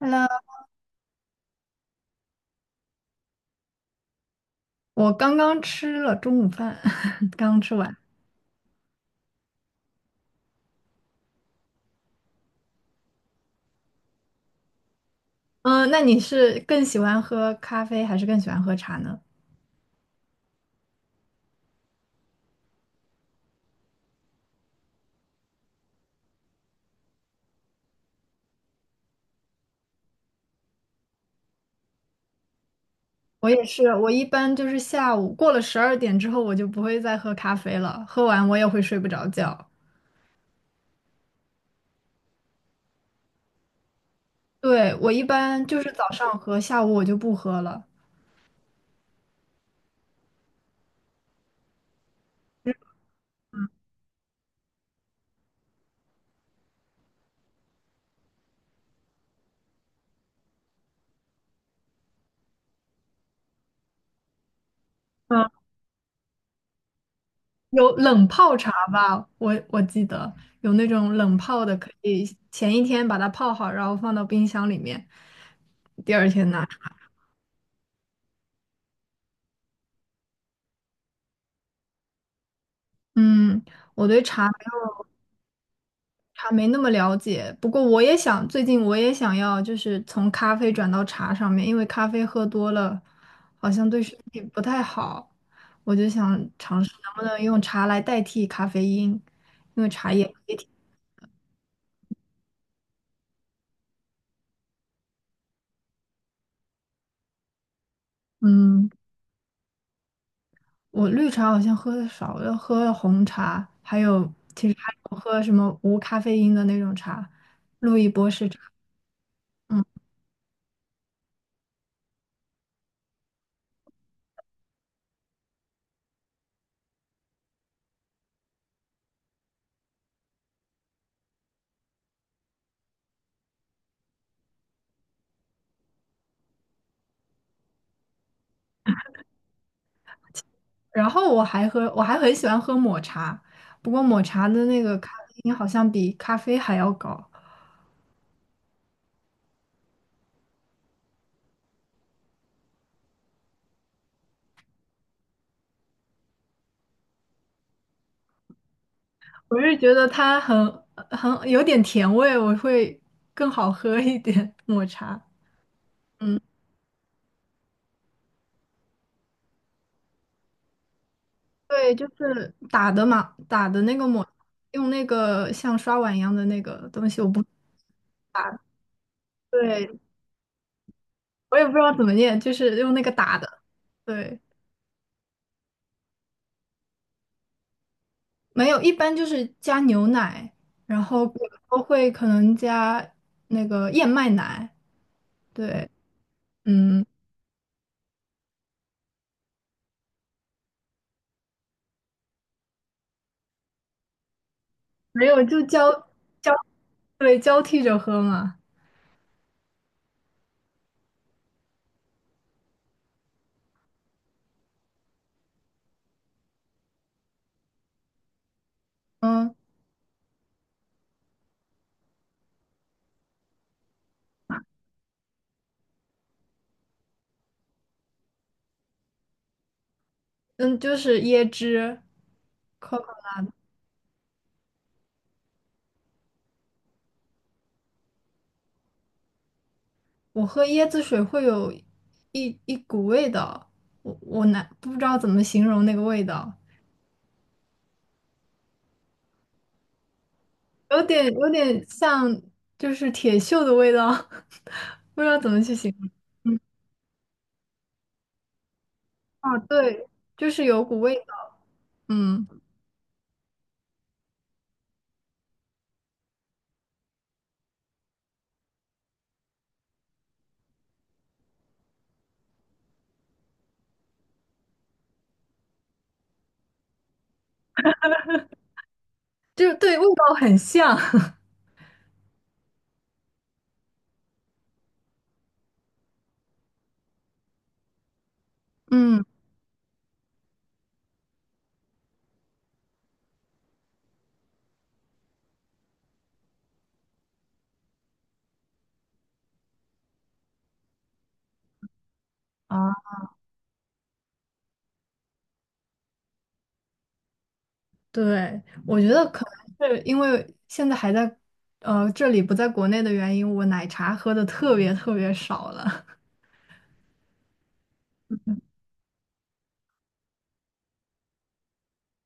Hello，我刚刚吃了中午饭，刚吃完。嗯，那你是更喜欢喝咖啡还是更喜欢喝茶呢？我也是，我一般就是下午过了12点之后，我就不会再喝咖啡了，喝完我也会睡不着觉。对，我一般就是早上喝，下午我就不喝了。嗯，有冷泡茶吧，我记得有那种冷泡的，可以前一天把它泡好，然后放到冰箱里面，第二天拿出。嗯，我对茶。茶没那么了解，不过我也想，最近我也想要，就是从咖啡转到茶上面，因为咖啡喝多了，好像对身体不太好，我就想尝试能不能用茶来代替咖啡因，因为茶叶。嗯，我绿茶好像喝的少了，喝了红茶，还有其实还有喝什么无咖啡因的那种茶，路易波士茶。嗯。然后我还喝，我还很喜欢喝抹茶，不过抹茶的那个咖啡因好像比咖啡还要高。我是觉得它很很有点甜味，我会更好喝一点抹茶。嗯，对，就是打的嘛，打的那个抹，用那个像刷碗一样的那个东西，我不，对，我也不知道怎么念，就是用那个打的。对，没有，一般就是加牛奶，然后有时候会可能加那个燕麦奶。对，嗯，没有，就交，对，交替着喝嘛。嗯嗯，就是椰汁，Coco。我喝椰子水会有一股味道，我难不知道怎么形容那个味道，有点像就是铁锈的味道，不知道怎么去形容。嗯，啊，对，就是有股味道。嗯，就对味道很像。嗯。啊。对，我觉得可能是因为现在还在这里不在国内的原因，我奶茶喝的特别特别少了。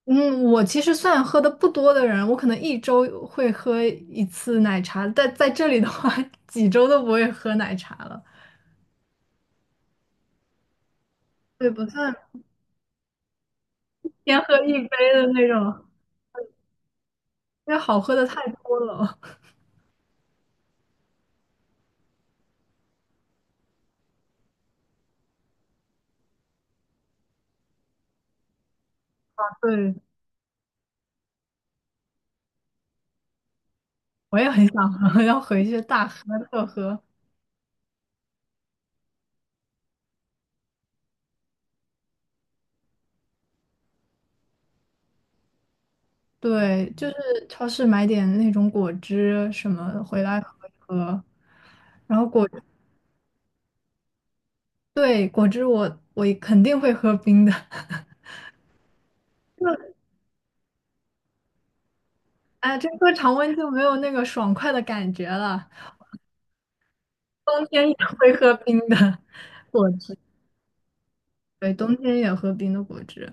嗯，我其实算喝的不多的人，我可能一周会喝一次奶茶，但在这里的话，几周都不会喝奶茶了。对，不算天喝一杯的那种，因为好喝的太多了。对，我也很想喝，要回去大喝特喝。对，就是超市买点那种果汁什么回来喝一喝，然后果，对，果汁我肯定会喝冰的，就哎，这喝常温就没有那个爽快的感觉了。冬天也会喝冰的 果汁，对，冬天也喝冰的果汁，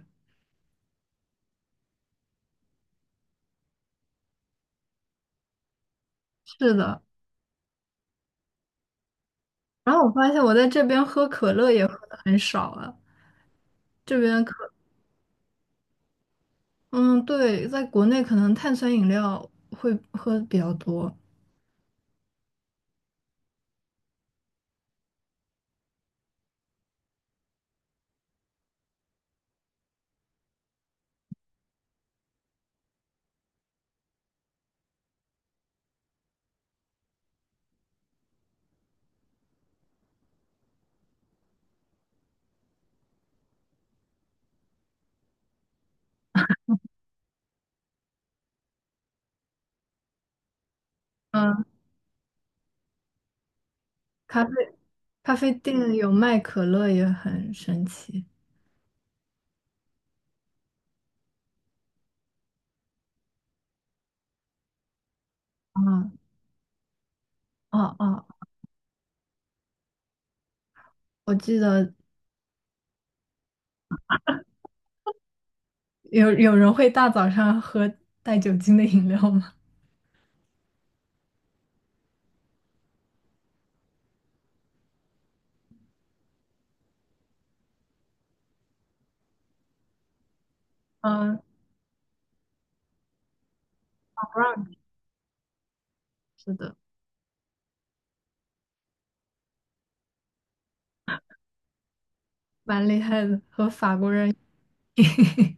是的。然后我发现我在这边喝可乐也喝的很少了，这边可，嗯，对，在国内可能碳酸饮料会喝得比较多。嗯。咖啡咖啡店有卖可乐也很神奇啊。哦哦，我记得有人会大早上喝带酒精的饮料吗？嗯，是的。蛮厉害的，和法国人。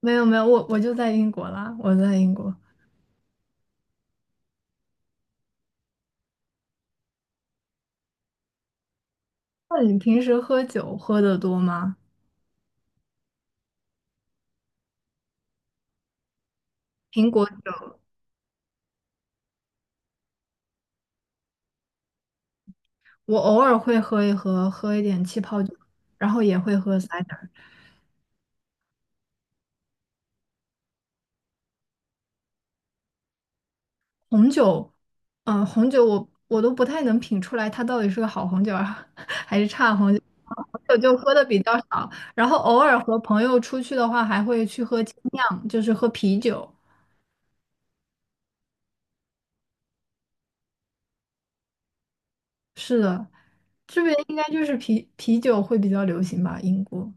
没有没有，我就在英国啦，我在英国。那你平时喝酒喝的多吗？苹果酒，我偶尔会喝一喝，喝一点气泡酒，然后也会喝 cider。红酒，红酒我都不太能品出来它到底是个好红酒啊，还是差红酒。红酒就喝的比较少，然后偶尔和朋友出去的话，还会去喝精酿，就是喝啤酒。是的，这边应该就是啤酒会比较流行吧，英国。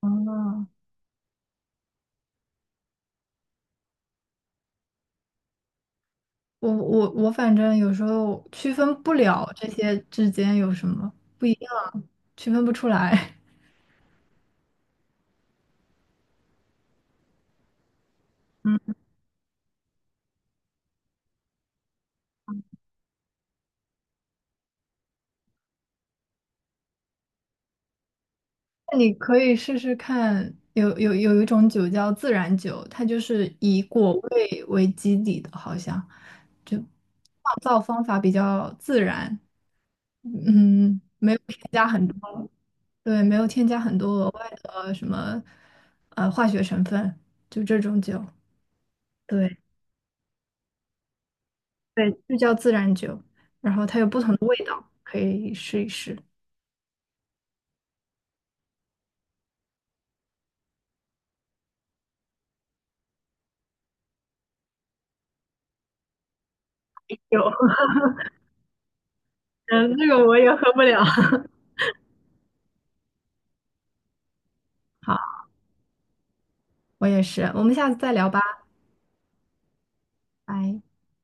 哦，我反正有时候区分不了这些之间有什么不一样，区分不出来。那你可以试试看，有一种酒叫自然酒，它就是以果味为基底的，好像就酿造方法比较自然，嗯，没有添加很多，对，没有添加很多额外的什么化学成分，就这种酒，对对，就叫自然酒，然后它有不同的味，可以试一试。有，嗯，这个我也喝不了。好，我也是，我们下次再聊吧，拜。